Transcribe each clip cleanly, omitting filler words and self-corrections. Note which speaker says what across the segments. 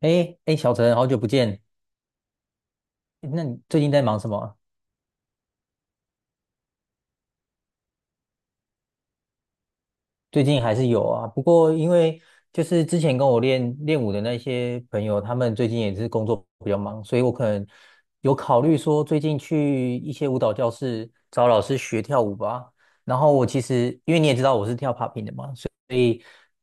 Speaker 1: 哎哎，小陈，好久不见。那你最近在忙什么啊？最近还是有啊，不过因为就是之前跟我练练舞的那些朋友，他们最近也是工作比较忙，所以我可能有考虑说最近去一些舞蹈教室找老师学跳舞吧。然后我其实因为你也知道我是跳 popping 的嘛，所以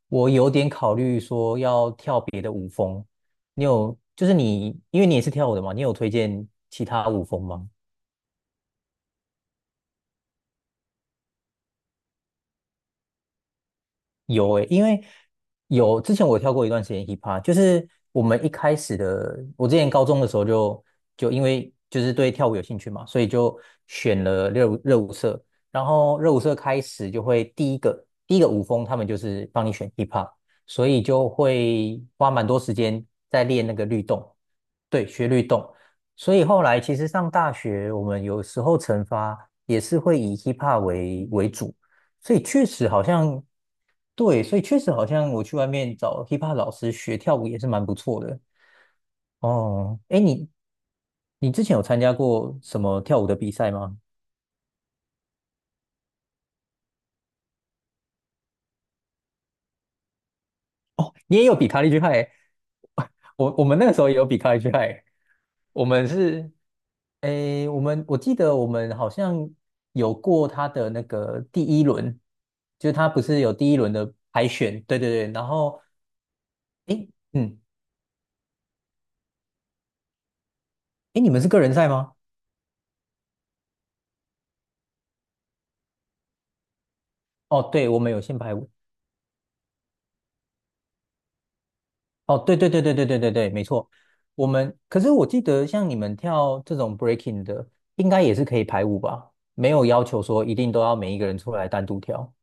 Speaker 1: 我有点考虑说要跳别的舞风。你有就是你，因为你也是跳舞的嘛，你有推荐其他舞风吗？有诶，因为有之前我跳过一段时间 hip hop，就是我们一开始的，我之前高中的时候就因为就是对跳舞有兴趣嘛，所以就选了热舞社，然后热舞社开始就会第一个舞风，他们就是帮你选 hip hop，所以就会花蛮多时间在练那个律动。对，学律动，所以后来其实上大学我们有时候惩罚也是会以 hip hop 为主。所以确实好像，对，所以确实好像我去外面找 hiphop 老师学跳舞也是蛮不错的。哦，哎，你之前有参加过什么跳舞的比赛吗？哦，你也有比卡利去派？欸，我们那个时候也有比卡利去派。欸，我们是，哎，我记得我们好像有过他的那个第一轮，就是他不是有第一轮的海选，对对对，然后，哎，嗯，哎，你们是个人赛吗？哦，对，我们有限排舞。哦，对对对对对对对对，没错。我们可是我记得，像你们跳这种 breaking 的，应该也是可以排舞吧？没有要求说一定都要每一个人出来单独跳。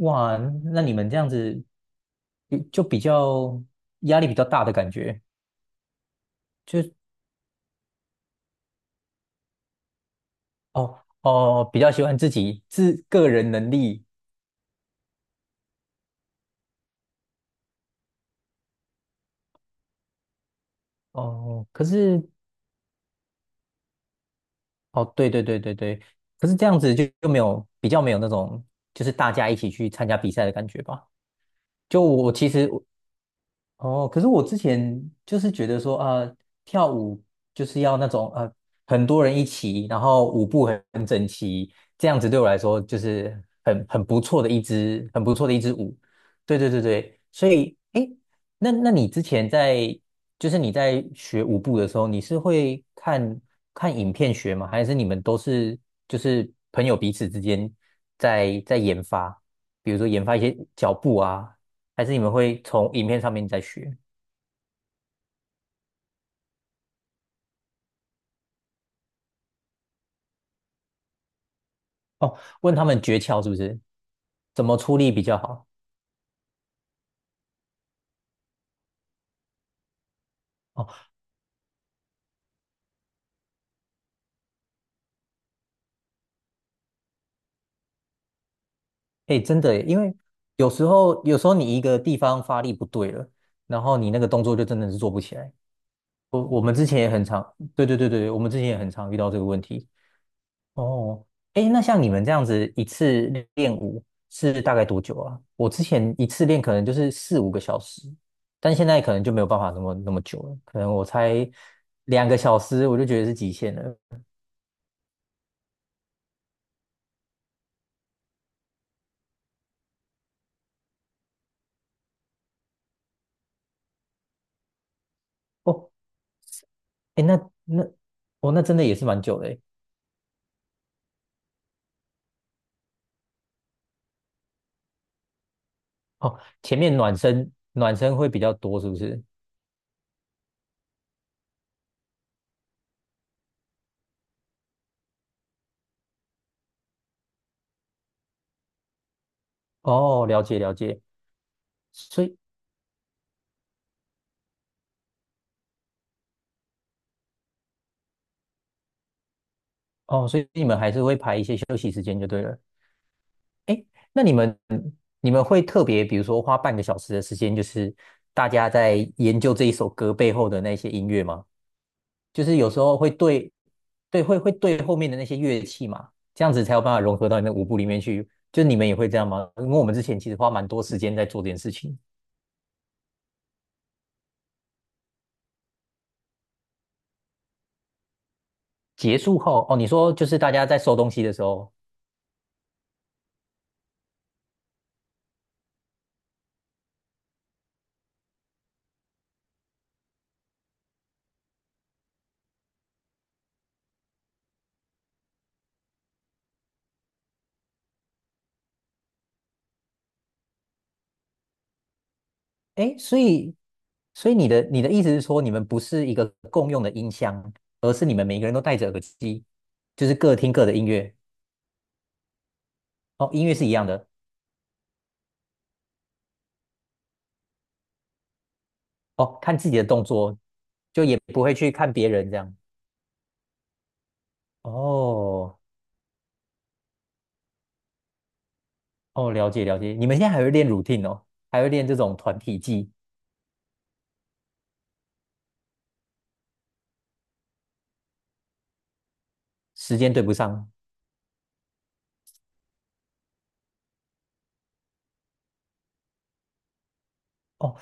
Speaker 1: 哇，那你们这样子比较压力比较大的感觉，就哦哦，比较喜欢自己自个人能力。哦，可是哦，对对对对对，可是这样子就就没有比较没有那种就是大家一起去参加比赛的感觉吧？就我其实哦，可是我之前就是觉得说啊、跳舞就是要那种很多人一起，然后舞步很整齐，这样子对我来说就是很不错的一支舞。对对对对，所以诶，那那你之前在就是你在学舞步的时候，你是会看看影片学吗？还是你们都是就是朋友彼此之间在研发，比如说研发一些脚步啊，还是你们会从影片上面再学？哦，问他们诀窍是不是？怎么出力比较好？哦，哎，真的耶，因为有时候你一个地方发力不对了，然后你那个动作就真的是做不起来。我们之前也很常，对对对对，我们之前也很常遇到这个问题。哦，哎，那像你们这样子一次练舞是大概多久啊？我之前一次练可能就是4、5个小时，但现在可能就没有办法那么那么久了，可能我才2个小时我就觉得是极限了。哦，哎，那哦，那真的也是蛮久的诶。哦，前面暖身会比较多，是不是？哦，了解了解。所以哦，所以你们还是会排一些休息时间就对了。那你们你们会特别，比如说花半个小时的时间，就是大家在研究这一首歌背后的那些音乐吗？就是有时候会对，对，会会对后面的那些乐器嘛，这样子才有办法融合到你的舞步里面去。就你们也会这样吗？因为我们之前其实花蛮多时间在做这件事情。结束后，哦，你说就是大家在收东西的时候，哎，所以，所以你的你的意思是说，你们不是一个共用的音箱，而是你们每个人都戴着耳机，就是各听各的音乐。哦，音乐是一样的。哦，看自己的动作，就也不会去看别人这样。哦哦，了解了解。你们现在还会练 routine 哦，还会练这种团体技，时间对不上哦，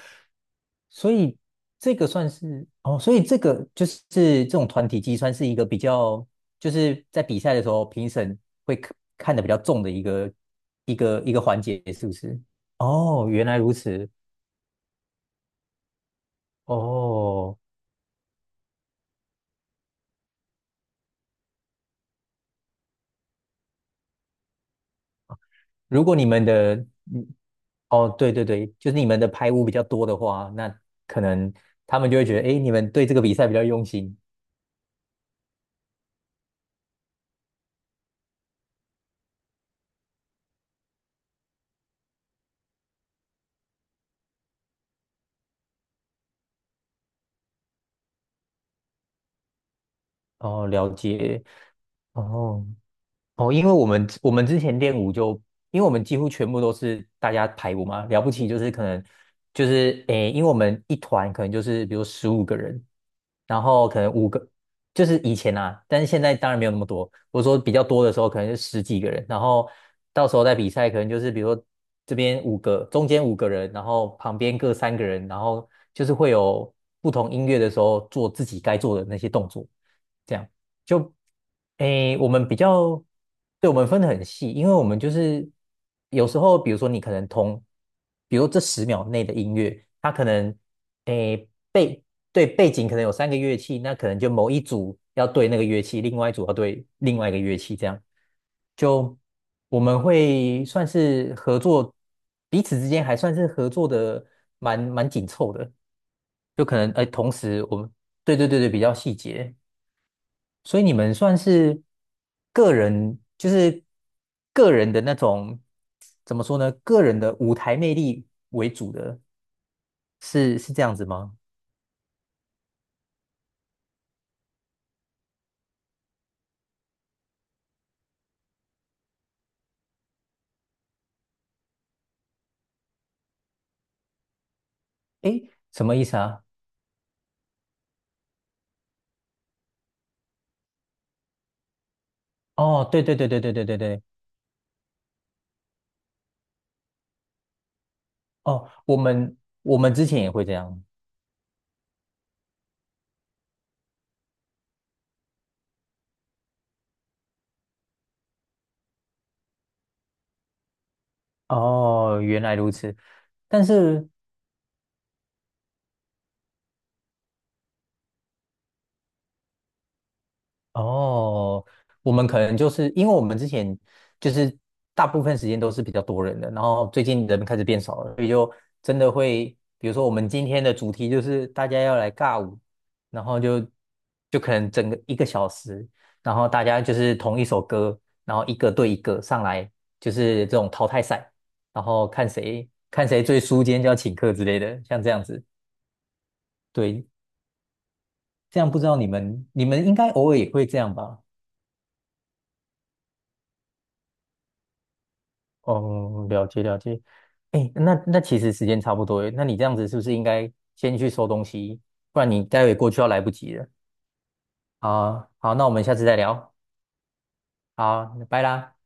Speaker 1: 所以这个算是哦，所以这个就是这种团体技算是一个比较，就是在比赛的时候评审会看得比较重的一个环节，是不是？哦，原来如此。哦，如果你们的，嗯，哦，对对对，就是你们的排污比较多的话，那可能他们就会觉得，哎，你们对这个比赛比较用心。哦，了解。哦，哦，因为我们之前练舞就，因为我们几乎全部都是大家排舞嘛，了不起就是可能就是诶，因为我们一团可能就是比如15个人，然后可能五个就是以前啊，但是现在当然没有那么多。我说比较多的时候可能是十几个人，然后到时候在比赛可能就是比如说这边五个，中间五个人，然后旁边各三个人，然后就是会有不同音乐的时候做自己该做的那些动作，这样。就诶，我们比较，对，我们分得很细，因为我们就是有时候，比如说你可能同，比如说这10秒内的音乐，它可能诶背对背景可能有三个乐器，那可能就某一组要对那个乐器，另外一组要对另外一个乐器，这样就我们会算是合作，彼此之间还算是合作的蛮紧凑的，就可能诶同时我们对对对对比较细节。所以你们算是个人，就是个人的那种，怎么说呢？个人的舞台魅力为主的，是这样子吗？诶，什么意思啊？哦，对对对对对对对对，哦，我们之前也会这样。哦，原来如此。但是哦，我们可能就是因为我们之前就是大部分时间都是比较多人的，然后最近人开始变少了。真的会，比如说我们今天的主题就是大家要来尬舞，然后就可能整个1个小时，然后大家就是同一首歌，然后一个对一个上来，就是这种淘汰赛，然后看谁最输，今天就要请客之类的，像这样子。对，这样不知道你们你们应该偶尔也会这样吧？哦，了解了解。哎，那其实时间差不多耶那你这样子是不是应该先去收东西，不然你待会过去要来不及了。好好，那我们下次再聊。好，拜啦。